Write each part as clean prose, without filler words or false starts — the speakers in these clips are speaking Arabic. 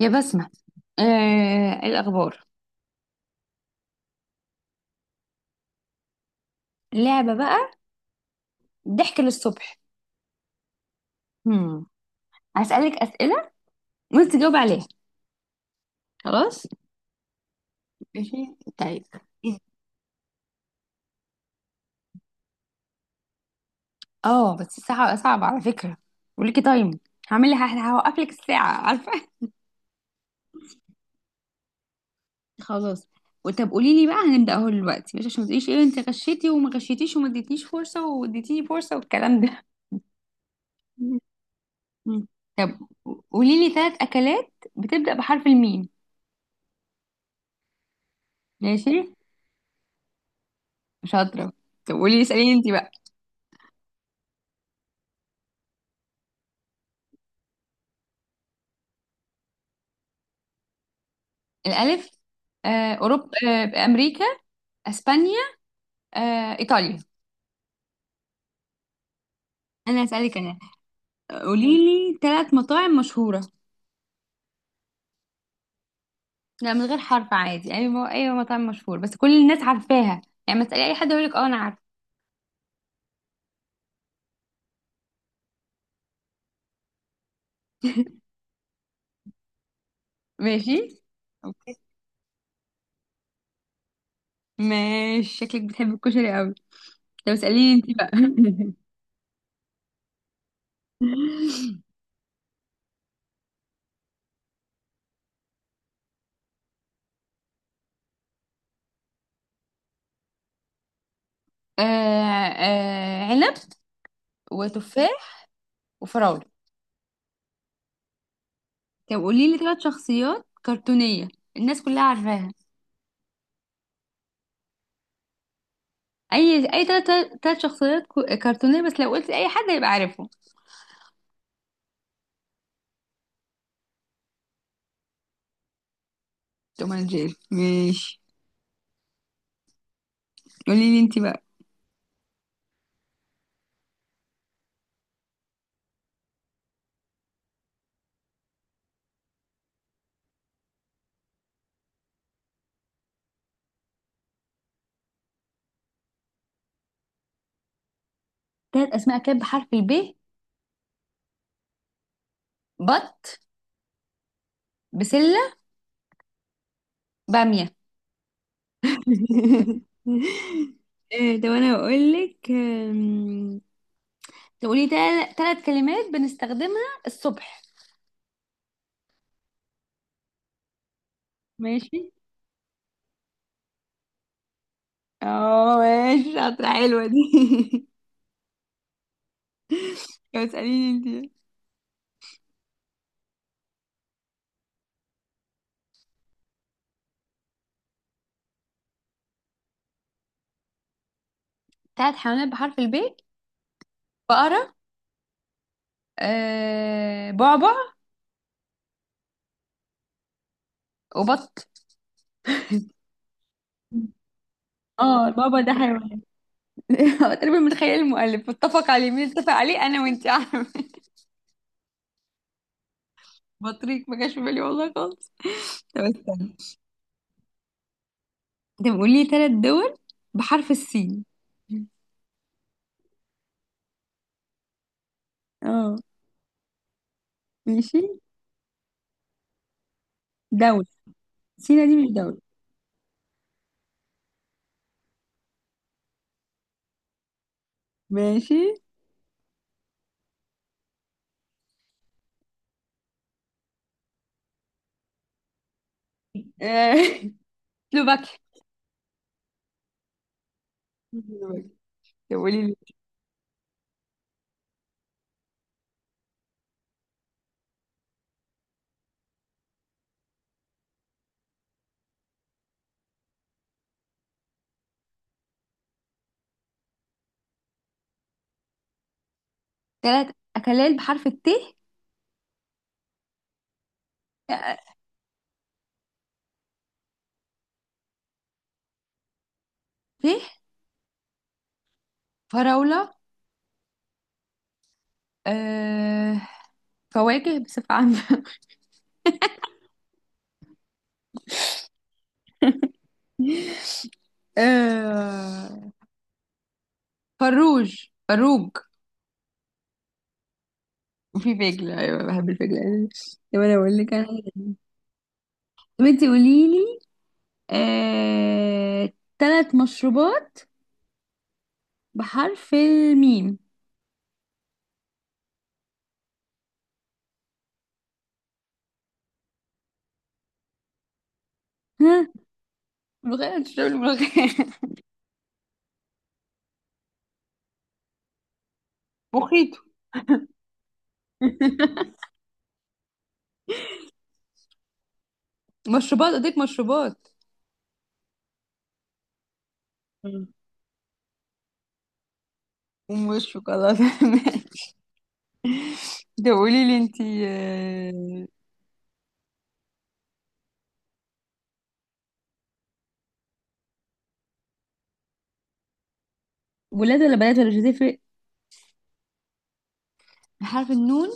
يا بسمة، آه الأخبار. لعبة بقى، ضحك للصبح. هم. هسألك أسئلة وانت تجاوب عليها. خلاص. ماشي طيب. اه، بس الساعة صعبة على فكرة، وليكي تايم. هعمل لها، هوقف لك الساعة عارفة خلاص. وطب قولي لي بقى، هنبدأ اهو دلوقتي، مش عشان ما تقوليش ايه انت غشيتي وما غشيتيش وما اديتنيش فرصة واديتيني فرصة والكلام ده. مم. مم. طب قولي لي ثلاث أكلات بتبدأ بحرف الميم. ماشي شاطرة. طب قولي لي، اسأليني انت بقى. الألف. آه، أوروبا. آه، أمريكا. أسبانيا. آه، إيطاليا. أنا هسألك أنا. قولي لي ثلاث مطاعم مشهورة. لا، من غير حرف، عادي، أي أي مطاعم مشهورة بس كل الناس عارفاها. يعني ما تسألي أي حد يقول لك أنا عارفة. ماشي، اوكي. ماشي، شكلك بتحب الكشري قوي. طب اسأليني أنت بقى. آه، عنب وتفاح وفراولة. طب قولي لي ثلاث شخصيات كرتونية الناس كلها عارفاها. اي اي تلات، تلات شخصيات كرتونيه بس لو قلت اي حد هيبقى عارفهم. توم اند جيري، ماشي. قولي لي انت بقى. تلات اسماء كانت بحرف الب. بط، بسله، باميه إيه، طب انا بقول لك، تقولي تلات كلمات بنستخدمها الصبح. ماشي. اه، ماشي شاطرة، حلوة دي طب اسأليني انت. تلات حيوانات بحرف الب. بقره، آه بعبع، وبط. اه، البابا ده حيوان. هو تقريبا من خيال المؤلف، اتفق عليه مين؟ اتفق عليه انا وانت عارفه. بطريق ما جاش في بالي والله خالص. طب استنى. انت بتقول لي ثلاث دول بحرف السين. اه، ماشي. دولة. سينا دي مش دولة. ماشي. آه، سلوفاكيا. سلوفاكيا. طب قولي لي. ثلاث اكلات بحرف الت. آه، ت فراولة. آه، فواكه بصفة عامة آه، فروج فروج. وفي فجل، ايوه بحب الفجل. طب انا اقول لك انا. طب انت قولي لي. آه... ثلاث مشروبات بحرف الميم. ها، ملوخية تشرب الملوخية مخيط. مشروبات، اديك مشروبات. مم. ومش شوكولاتة ده قولي لي انت. آه... ولاد ولا بنات ولا مش هتفرق؟ بحرف النون.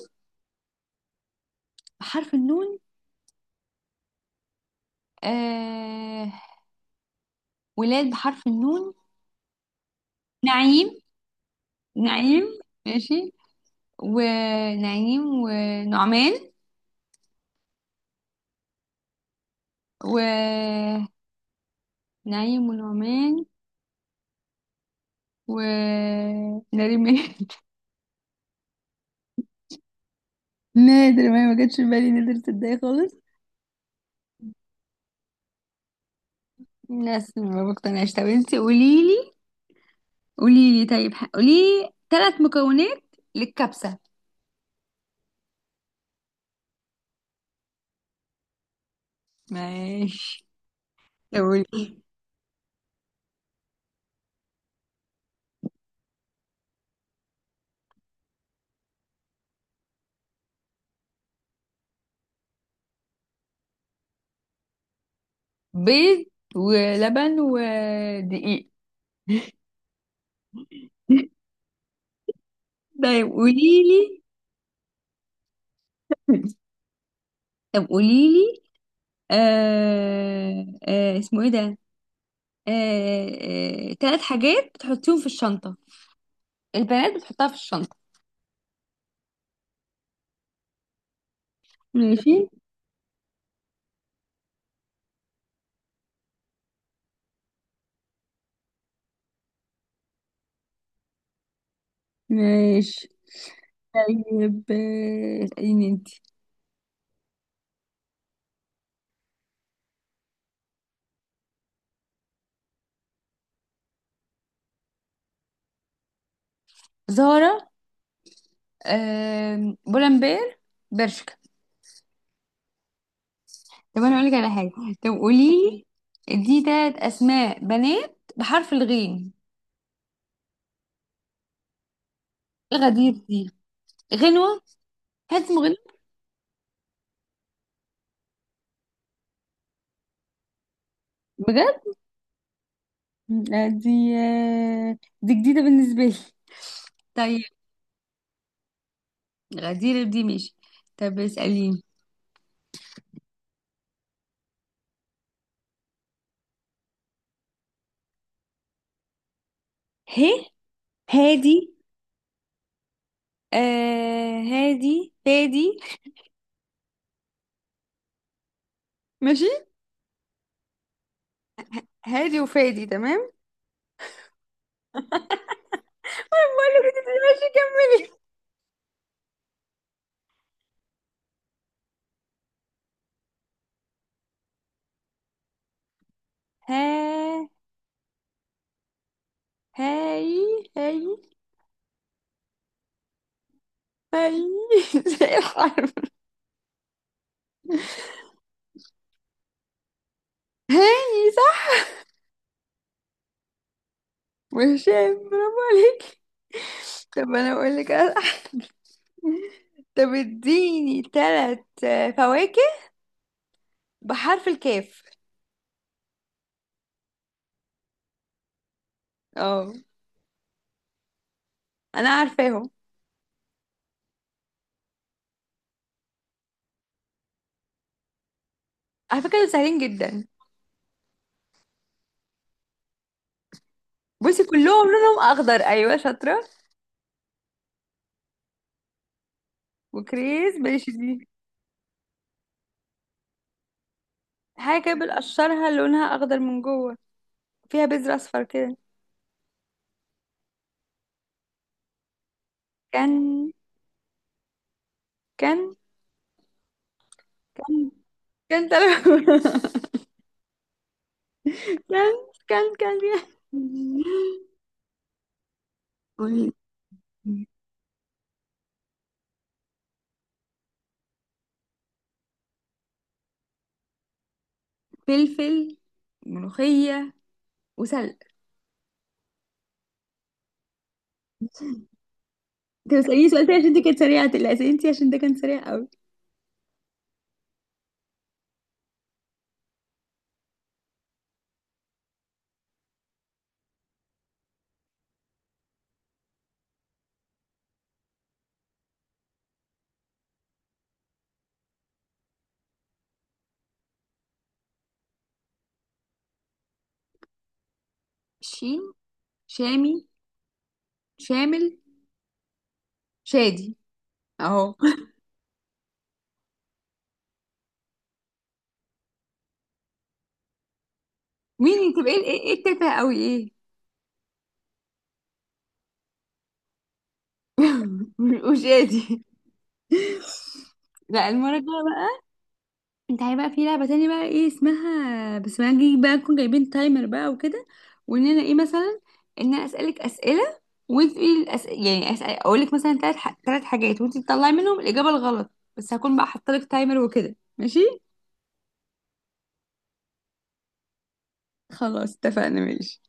بحرف النون. آه... ولاد بحرف النون. نعيم. نعيم، ماشي. ونعيم ونعمان، ونعيم ونعمان، ونادر ماهر نادر ماهر ما جاتش في بالي، نادر تصدقي خالص. بس ما بقتنعش. طب انتي قوليلي. قوليلي طيب، قوليلي ثلاث مكونات للكبسة. ماشي. طب قولي. بيض ولبن ودقيق طيب قوليلي. طب قوليلي. آه، اسمه ايه ده؟ آه، تلات حاجات بتحطيهم في الشنطة، البنات بتحطها في الشنطة. ماشي. ماشي طيب. آه، اسأليني انت. زهرة، آه، بولمبير، برشكا. طب انا اقولك على حاجة. طب قوليلي دي تلات اسماء بنات بحرف الغين. الغدير دي، غنوة؟ حد اسمه غنوة؟ بجد؟ لا، دي، آه، دي جديدة بالنسبة لي. طيب، غدير دي ماشي. طب اسأليني. هي، هادي، آه هادي فادي، ماشي. هادي وفادي تمام. بقول لك انت، ماشي كملي. ها، هاي، هاي، هاي زي الحرف. هاي صح، وهشام. برافو عليك. طب انا اقول لك طب اديني ثلاث فواكه بحرف الكاف. اه، انا عارفاهم، على فكره دول سهلين جدا. بصي كلهم لونهم اخضر، ايوه شاطره. وكريز، ماشي دي. حاجه كده بنقشرها لونها اخضر من جوه، فيها بذر اصفر كده. كان، كان، كان، كان كان، كان، كان فيها. فلفل، ملوخية، وسلق. انت بتسأليني سؤال تاني عشان انت كانت سريعة، لا سألتي عشان ده كان سريع قوي. شين. شامي، شامل، شادي، اهو. مين تبقى؟ ايه ايه، إيه التافهة قوي؟ ايه وشادي. لا، المرة الجاية. انت عارف بقى في لعبة تانية بقى، ايه اسمها بس، ما نجي بقى نكون جايبين تايمر بقى وكده. وان انا ايه مثلا ان انا اسألك اسئلة، وانت تقولي يعني اسأل اقول لك مثلا ثلاث ثلاث حاجات وانت تطلعي منهم الإجابة الغلط. بس هكون بقى حاطه لك تايمر وكده، ماشي. خلاص اتفقنا، ماشي.